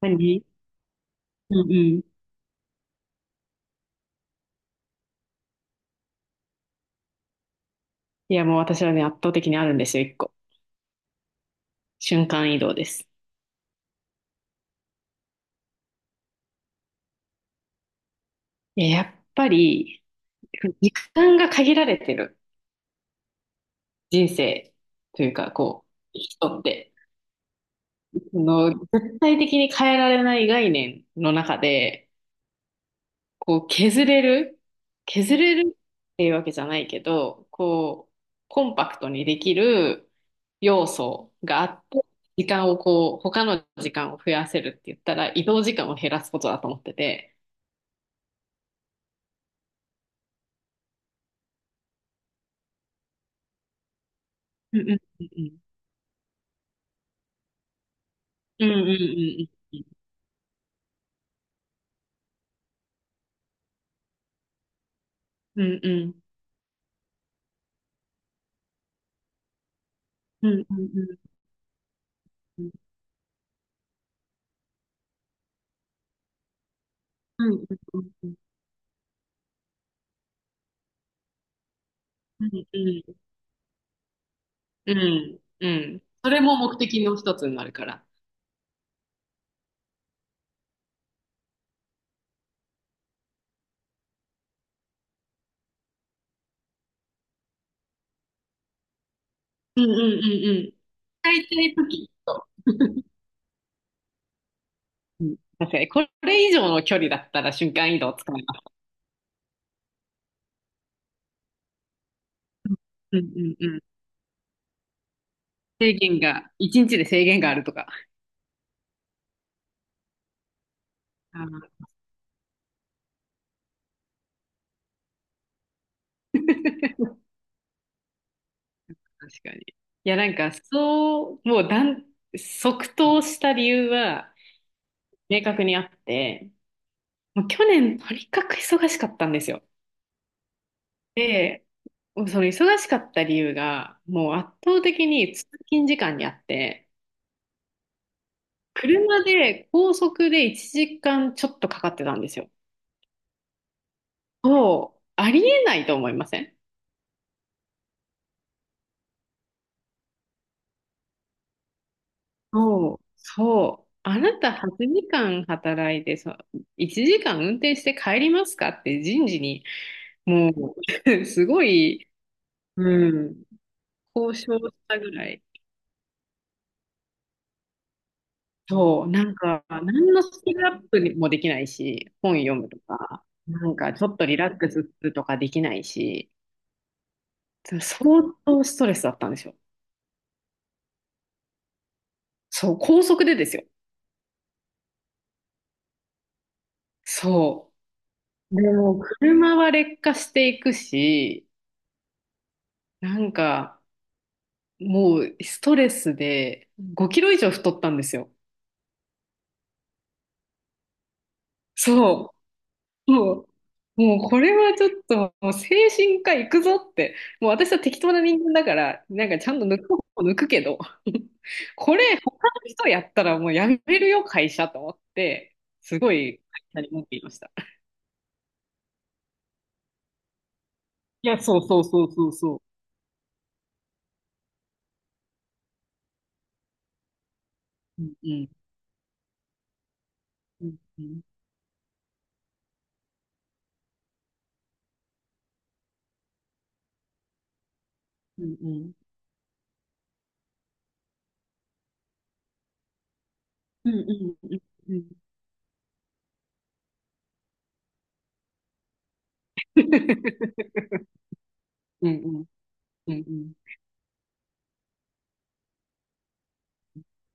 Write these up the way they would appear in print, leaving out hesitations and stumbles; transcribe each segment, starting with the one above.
何？うんうん。いや、もう私はね、圧倒的にあるんですよ、一個。瞬間移動です。いや、やっぱり、時間が限られてる人生というか、こう、人って、その、絶対的に変えられない概念の中で、こう、削れる、削れるっていうわけじゃないけど、こう、コンパクトにできる要素があって、時間をこう、他の時間を増やせるって言ったら、移動時間を減らすことだと思ってて、うんうんうんうんうんうんうんうんうんうんうんうんうん。それも目的の一つになるから。うんうんうんうん。使いたいとき。うん、確かに、これ以上の距離だったら瞬間移動を使います。うんうんうん。制限が、一日で制限があるとか。あー、確かに。いや、なんか、そう、もう即答した理由は明確にあって、もう去年とにかく忙しかったんですよ。で、その忙しかった理由が、もう圧倒的に通勤時間にあって、車で高速で1時間ちょっとかかってたんですよ。そう、ありえないと思いません？そう、そう。あなた8時間働いて、そう、1時間運転して帰りますかって人事に、もう、すごい、うん、交渉したぐらい。そう、なんか、何のスキルアップもできないし、本読むとか、なんかちょっとリラックスするとかできないし、それ相当ストレスだったんですよ。そう、高速でですよ。そう。でも、車は劣化していくし、なんか、もうストレスで5キロ以上太ったんですよ。そう。もう、もうこれはちょっと、もう精神科行くぞって、もう私は適当な人間だから、なんかちゃんと抜く方法抜くけど、これ他の人やったらもうやめるよ、会社と思って、すごい会社に文句言いました。いや、そうそうそうそうそう。うんうんうんうんうんうんうんうんうんうんうんうんうん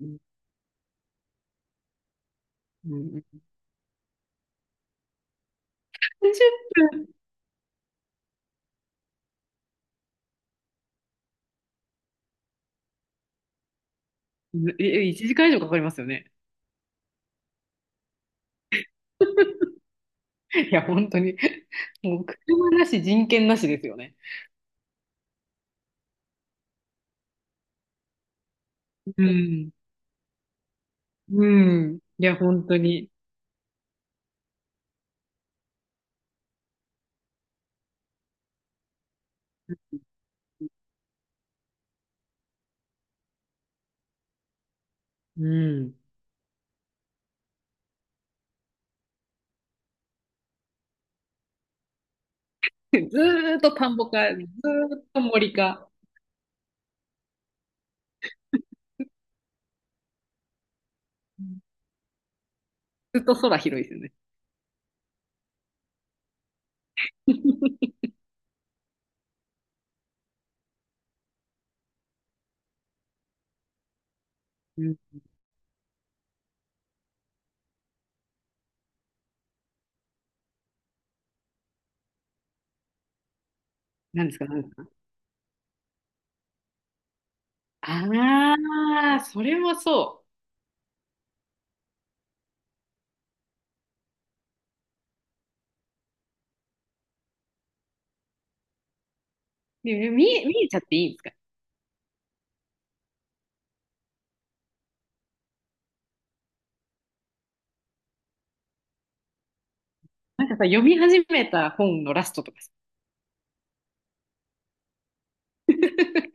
うん。30分、え、1時間以上かかりますよね。いや、本当に。もう車なし、人権なしですよね。うん。うん。いや、本当に。うん。ずーっと田んぼか、ずーっと森か、ずっと空広いですよね。うん。何ですか、何ですか？ああ、それもそう。で、見えちゃっていいんですか？なんかさ、読み始めた本のラストとかさ。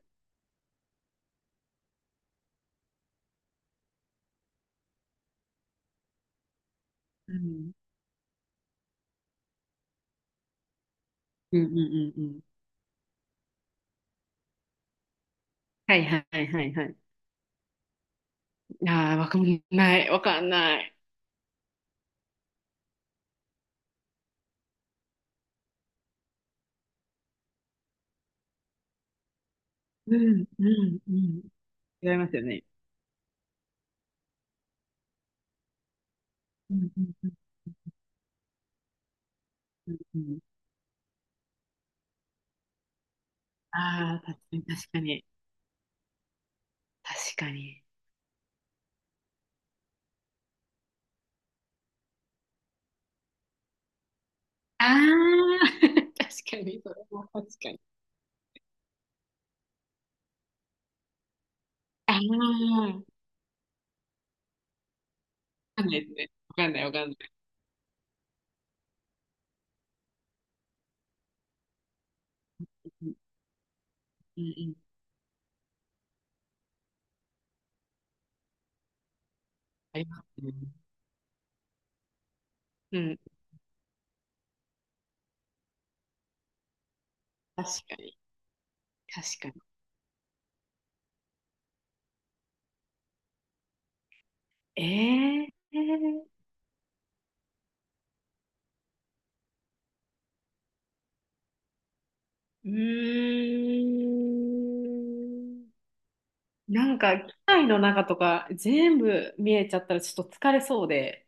うん。うんうんうんうん。はいはいはいはい。ああ、わかんない。わかんない。うんうんうん。違いますよね。うんうんうんうんうん。ああ、確かに、確かに。確かに。ああ、確かに、それも確かに。ああ、わかんないですね。わかんない、わかんない。うん、うん、うん。ありますね。うん、確かに、確かに。ええ、うーん。なんか、機械の中とか全部見えちゃったらちょっと疲れそうで、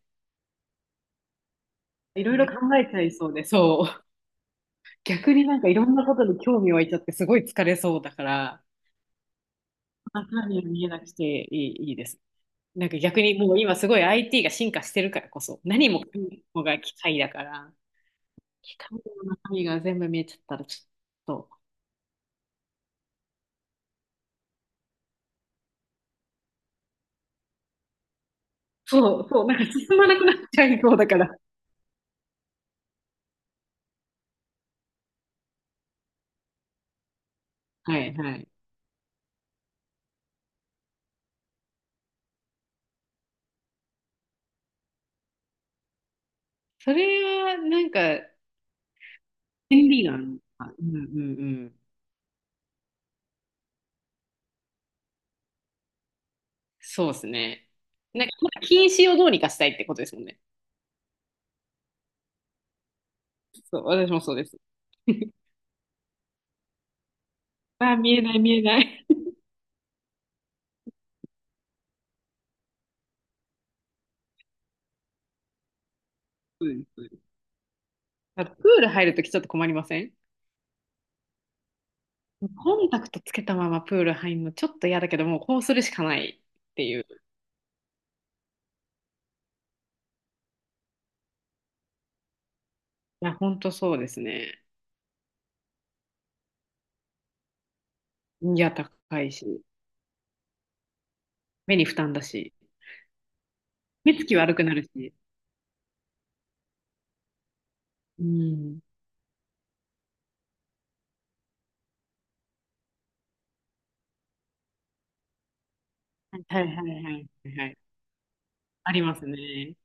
いろいろ考えちゃいそうで、そう。逆になんかいろんなことに興味湧いちゃってすごい疲れそうだから、中身が見えなくていい、いいです。なんか逆にもう今すごい IT が進化してるからこそ、何もかもが機械だから、機械の中身が全部見えちゃったらちょっと、そう、そう、なんか進まなくなっちゃいそうだから。はい、はい。それはなんか、便利なのか。うん、うん、うん。そうですね。なんか、禁止をどうにかしたいってことですもんね。そう、私もそうです。あー、見えない、見えない。そうです、そうです。あとプール入るときちょっと困りません？コンタクトつけたままプール入るのちょっと嫌だけど、もうこうするしかないっていう。いや、ほんとそうですね。いや、高いし、目に負担だし、目つき悪くなるし。うん。はいはいはいはいはいはい。ありますね。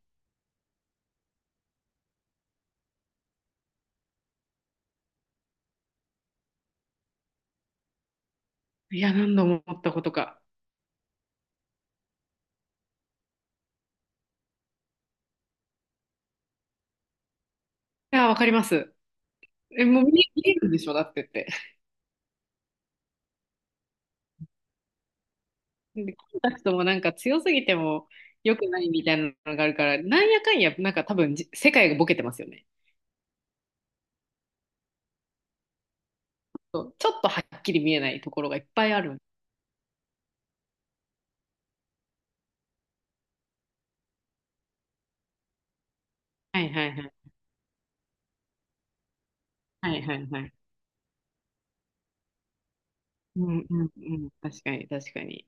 いや、何度も思ったことか。いや、わかります。え、もう見えるんでしょだってって。で、コンタクトもなんか強すぎても良くないみたいなのがあるから、なんやかんや、なんか多分世界がボケてますよね。そう、ちょっとはっきり見えないところがいっぱいある。はいはいはい。はいはいはい。うんうんうん。確かに確かに。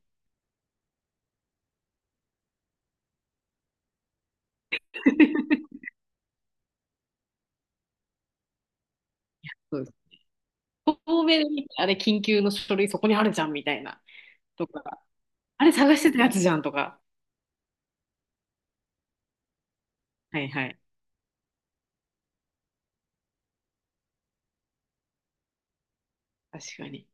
そうです。遠目で見て、あれ緊急の書類そこにあるじゃんみたいな。とか、あれ探してたやつじゃんとか。はいはい。確かに。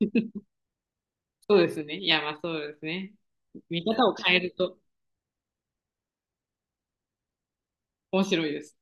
そうですね。いやまあそうですね。見方を変えると面白いです。